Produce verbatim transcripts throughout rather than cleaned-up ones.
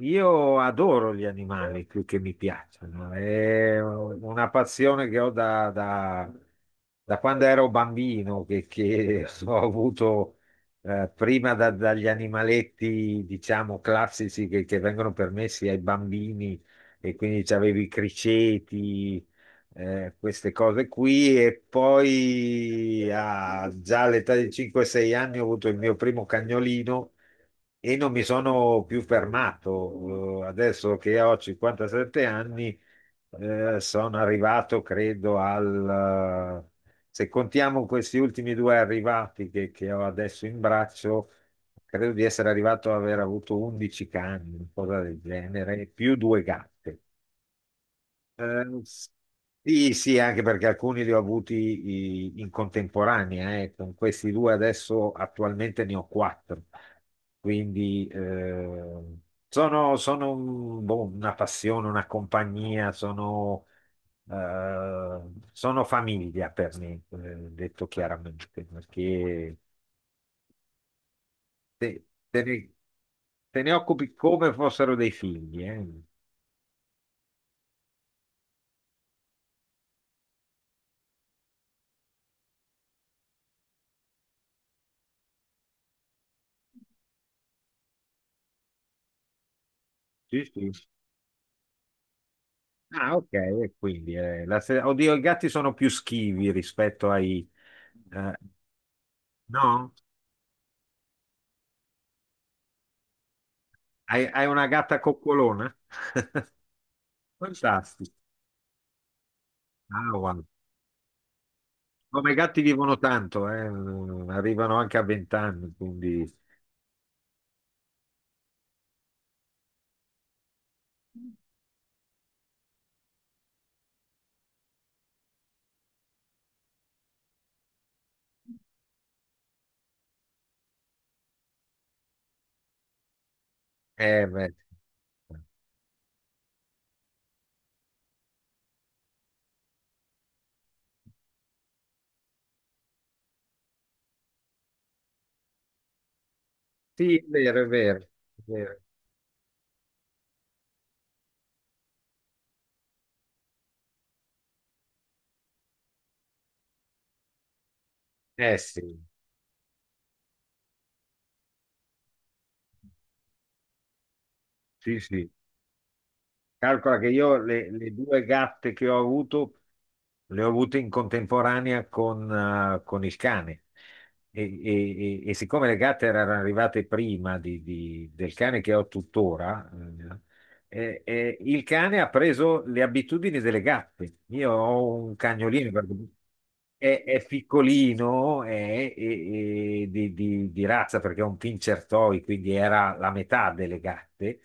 Io adoro gli animali più che mi piacciono, è una passione che ho da, da- da quando ero bambino, che, che ho avuto eh, prima da- dagli animaletti, diciamo, classici che, che vengono permessi ai bambini, e quindi c'avevi i criceti, eh, queste cose qui. E poi a- già all'età di cinque sei anni ho avuto il mio primo cagnolino e non mi sono più fermato. Eh, Adesso che ho cinquantasette anni, eh, sono arrivato, credo, al... eh, se contiamo questi ultimi due arrivati che, che ho adesso in braccio, credo di essere arrivato ad aver avuto undici cani, una cosa del genere, e più due gatte. Eh, sì, sì, anche perché alcuni li ho avuti i- in contemporanea, eh. Con questi due adesso attualmente ne ho quattro, quindi eh, sono, sono un- boh, una passione, una compagnia, sono, eh, sono famiglia per me, eh, detto chiaramente, perché te, te ne, te ne occupi come fossero dei figli, eh. Sì, sì. Ah, ok, e quindi eh, la se- oddio, i gatti sono più schivi rispetto ai... eh, no? Hai, hai una gatta coccolona? Fantastico. Ah, guarda. Come i gatti vivono tanto, eh, mm, arrivano anche a venti anni, quindi... Eh, beh, sì, è vero, è vero, è vero. Eh sì, sì, sì. Calcola che io le, le due gatte che ho avuto le ho avute in contemporanea con, eh, con il cane. E, e- e- e siccome le gatte erano arrivate prima di- di- del cane che ho tuttora, eh, eh, eh, il cane ha preso le abitudini delle gatte. Io ho un cagnolino, perché è, è piccolino, è, è- è di, di- di razza, perché è un pincher toy, quindi era la metà delle gatte.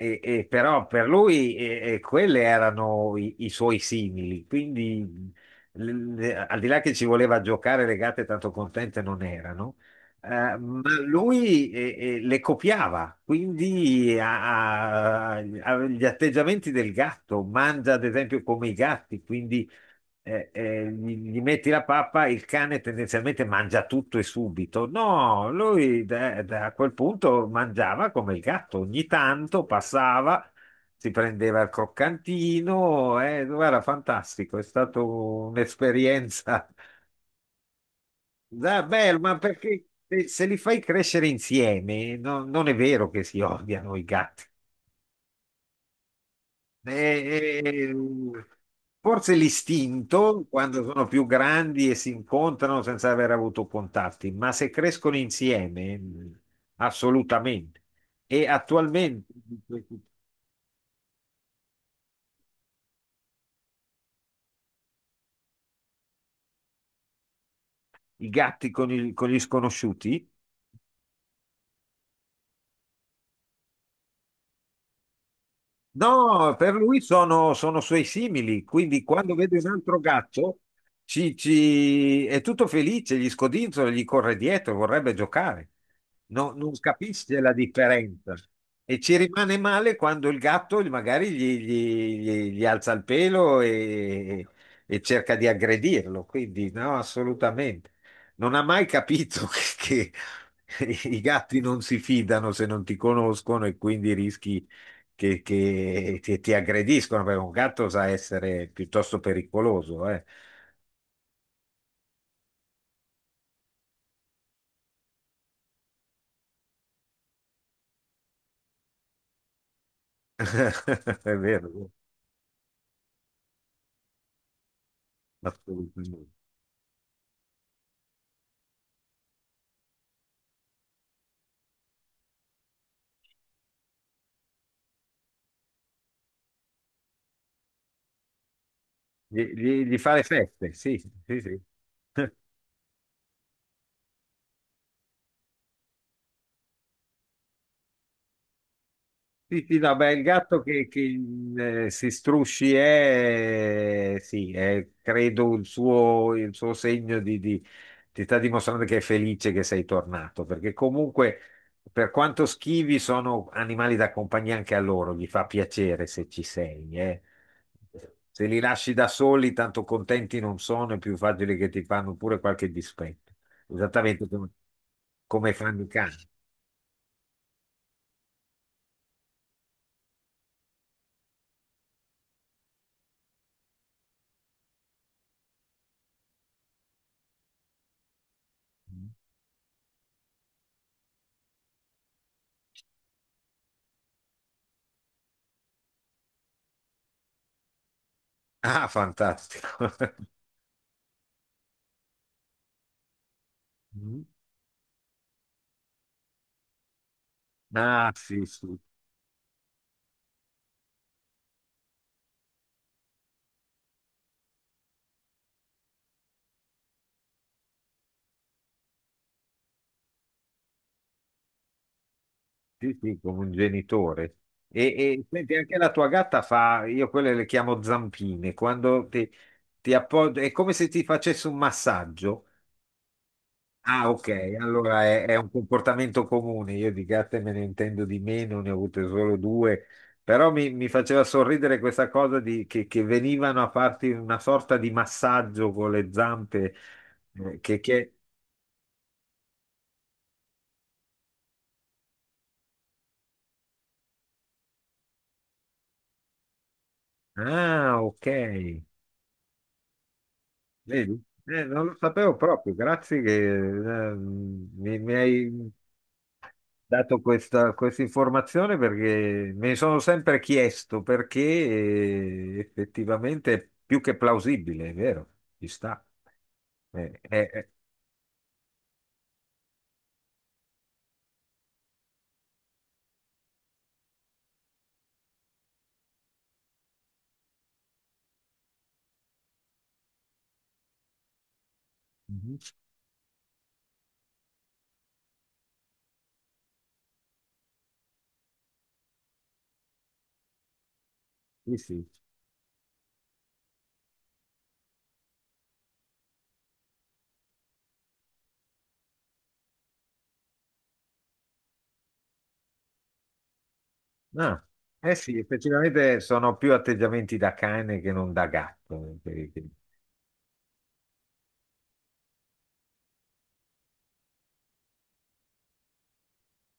E, e però per lui, e, e quelle erano i, i suoi simili, quindi l- le- al di là che ci voleva giocare, le gatte tanto contente non erano, eh, ma lui, eh, eh, le copiava, quindi ha, ha- ha gli atteggiamenti del gatto, mangia ad esempio come i gatti, quindi eh, eh, gli, gli metti la pappa, il cane tendenzialmente mangia tutto e subito. No, lui da, da quel punto mangiava come il gatto, ogni tanto passava, si prendeva il croccantino, eh, era fantastico, è stata un'esperienza. Ah, bello, ma perché se se li fai crescere insieme, no- non è vero che si odiano i gatti. Eh, eh, forse l'istinto, quando sono più grandi e si incontrano senza aver avuto contatti, ma se crescono insieme, mh, assolutamente. E attualmente i gatti con, il- con gli sconosciuti, no, per lui sono, sono suoi simili, quindi quando vede un altro gatto ci, ci- è tutto felice, gli scodinzola, gli corre dietro, vorrebbe giocare. No- non capisce la differenza e ci rimane male quando il gatto magari gli, gli- gli- gli alza il pelo e, e cerca di aggredirlo. Quindi no, assolutamente. Non ha mai capito che, che i gatti non si fidano se non ti conoscono, e quindi rischi che, che- che ti aggrediscono, perché un gatto sa essere piuttosto pericoloso, eh. È vero, assolutamente. Gli, gli- gli fa le feste, sì, sì, sì. Sì, sì, no, beh, il gatto che, che, eh, si strusci è, sì, è, credo il suo, il suo segno di, di- ti sta dimostrando che è felice che sei tornato, perché comunque, per quanto schivi, sono animali da compagnia anche a loro, gli fa piacere se ci sei, eh. Se li lasci da soli, tanto contenti non sono, è più facile che ti fanno pure qualche dispetto, esattamente come, come fanno i cani. Ah, fantastico. Ah, sì, sì, sì, sì, come un genitore. E, e senti, anche la tua gatta fa, io quelle le chiamo zampine, quando ti, ti appoggio, è come se ti facesse un massaggio. Ah, ok, allora è, è un comportamento comune, io di gatte me ne intendo di meno, ne ho avute solo due, però mi, mi faceva sorridere questa cosa di, che, che venivano a farti una sorta di massaggio con le zampe, eh, che, che... ah, ok. Vedi? Eh, non lo sapevo proprio, grazie che eh, mi, mi hai dato questa, questa informazione, perché me ne sono sempre chiesto, perché eh, effettivamente è più che plausibile, è vero, ci sta. Eh, eh, eh, mhm, sì, sì. Ah, eh sì, effettivamente sono più atteggiamenti da cane che non da gatto, eh, che- che-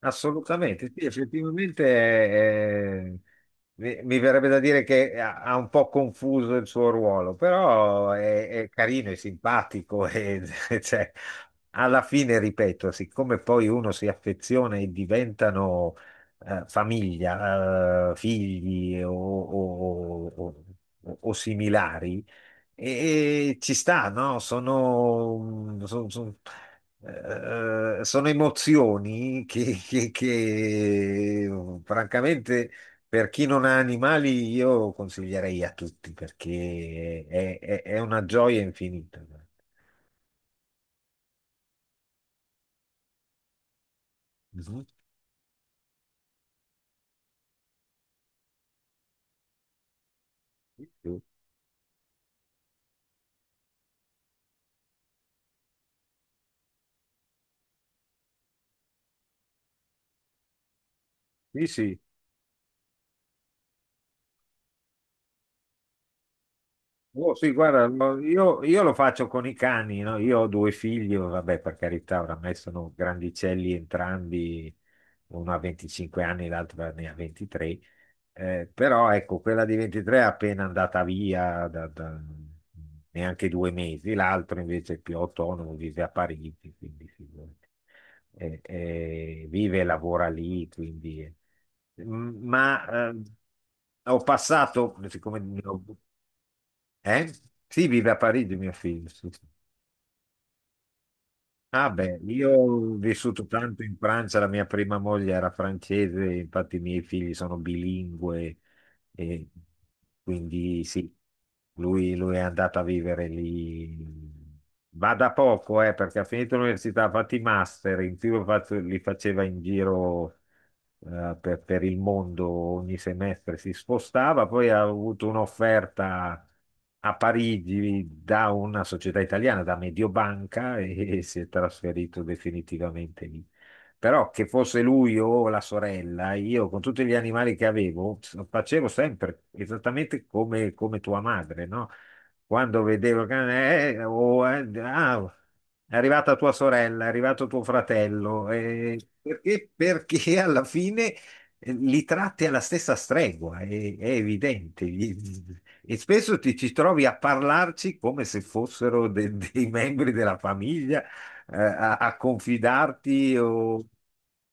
assolutamente, sì, effettivamente eh, mi, mi verrebbe da dire che ha, ha un po' confuso il suo ruolo, però è, è carino, è simpatico e cioè, alla fine, ripeto, siccome poi uno si affeziona e diventano eh, famiglia, eh, figli o, o- o- o- o similari, e, e ci sta, no? Sono, son- son- eh, sono emozioni che, che- che, oh, francamente, per chi non ha animali, io consiglierei a tutti, perché è, è- è una gioia infinita. Mhm. Sì, sì, sì. Oh, sì, guarda, ma io, io lo faccio con i cani, no? Io ho due figli, vabbè, per carità, oramai sono grandicelli entrambi, uno ha venticinque anni, l'altro ne ha ventitré. Eh, però ecco, quella di ventitré è appena andata via da, da neanche due mesi, l'altro invece è più autonomo, vive a Parigi, quindi figurati. Eh, eh, vive e lavora lì, quindi... eh. M- Ma eh, ho passato, siccome... ne ho- eh? Sì, vive a Parigi mio figlio. Sì. Sì. Ah beh, io ho vissuto tanto in Francia, la mia prima moglie era francese, infatti i miei figli sono bilingue, e quindi sì, lui, lui è andato a vivere lì. Va da poco, eh, perché ha finito l'università, ha fatto i master, in più ha fatto- li faceva in giro eh, per, per il mondo, ogni semestre si spostava, poi ha avuto un'offerta a Parigi da una società italiana, da Mediobanca, e, e si è trasferito definitivamente lì. Però che fosse lui o la sorella, io con tutti gli animali che avevo, facevo sempre esattamente come, come tua madre, no? Quando vedevo che eh, oh, eh, ah, è arrivata tua sorella, è arrivato tuo fratello, eh, perché, perché alla fine eh, li tratti alla stessa stregua, è, è evidente. Gli- e spesso ti ci trovi a parlarci come se fossero de- dei membri della famiglia, eh, a, a confidarti o...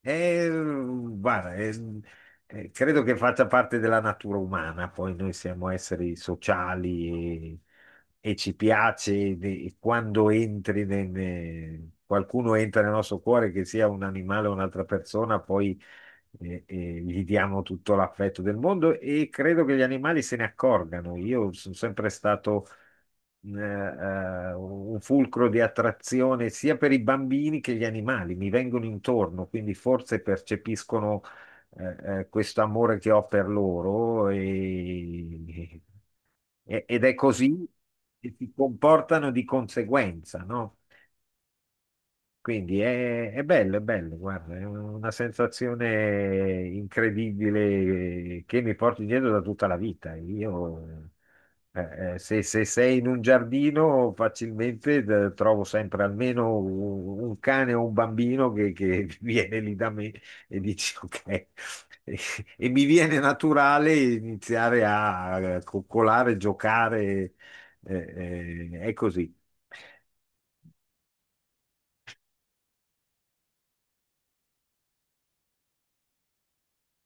Eh, guarda, eh, eh, credo che faccia parte della natura umana, poi noi siamo esseri sociali e, e ci piace de- e quando entri nel- nel- qualcuno entra nel nostro cuore, che sia un animale o un'altra persona, poi eh, eh, gli diamo tutto l'affetto del mondo, e credo che gli animali se ne accorgano. Io sono sempre stato eh, eh, un fulcro di attrazione sia per i bambini che gli animali, mi vengono intorno, quindi forse percepiscono eh, eh, questo amore che ho per loro, e- e- ed è così che si comportano di conseguenza, no? Quindi è, è bello, è bello, guarda, è una sensazione incredibile che mi porto dietro da tutta la vita. Io, eh, eh, se, se sei in un giardino, facilmente eh, trovo sempre almeno un, un cane o un bambino che, che viene lì da me e dice ok. E, e mi viene naturale iniziare a eh, coccolare, giocare, eh, eh, è così.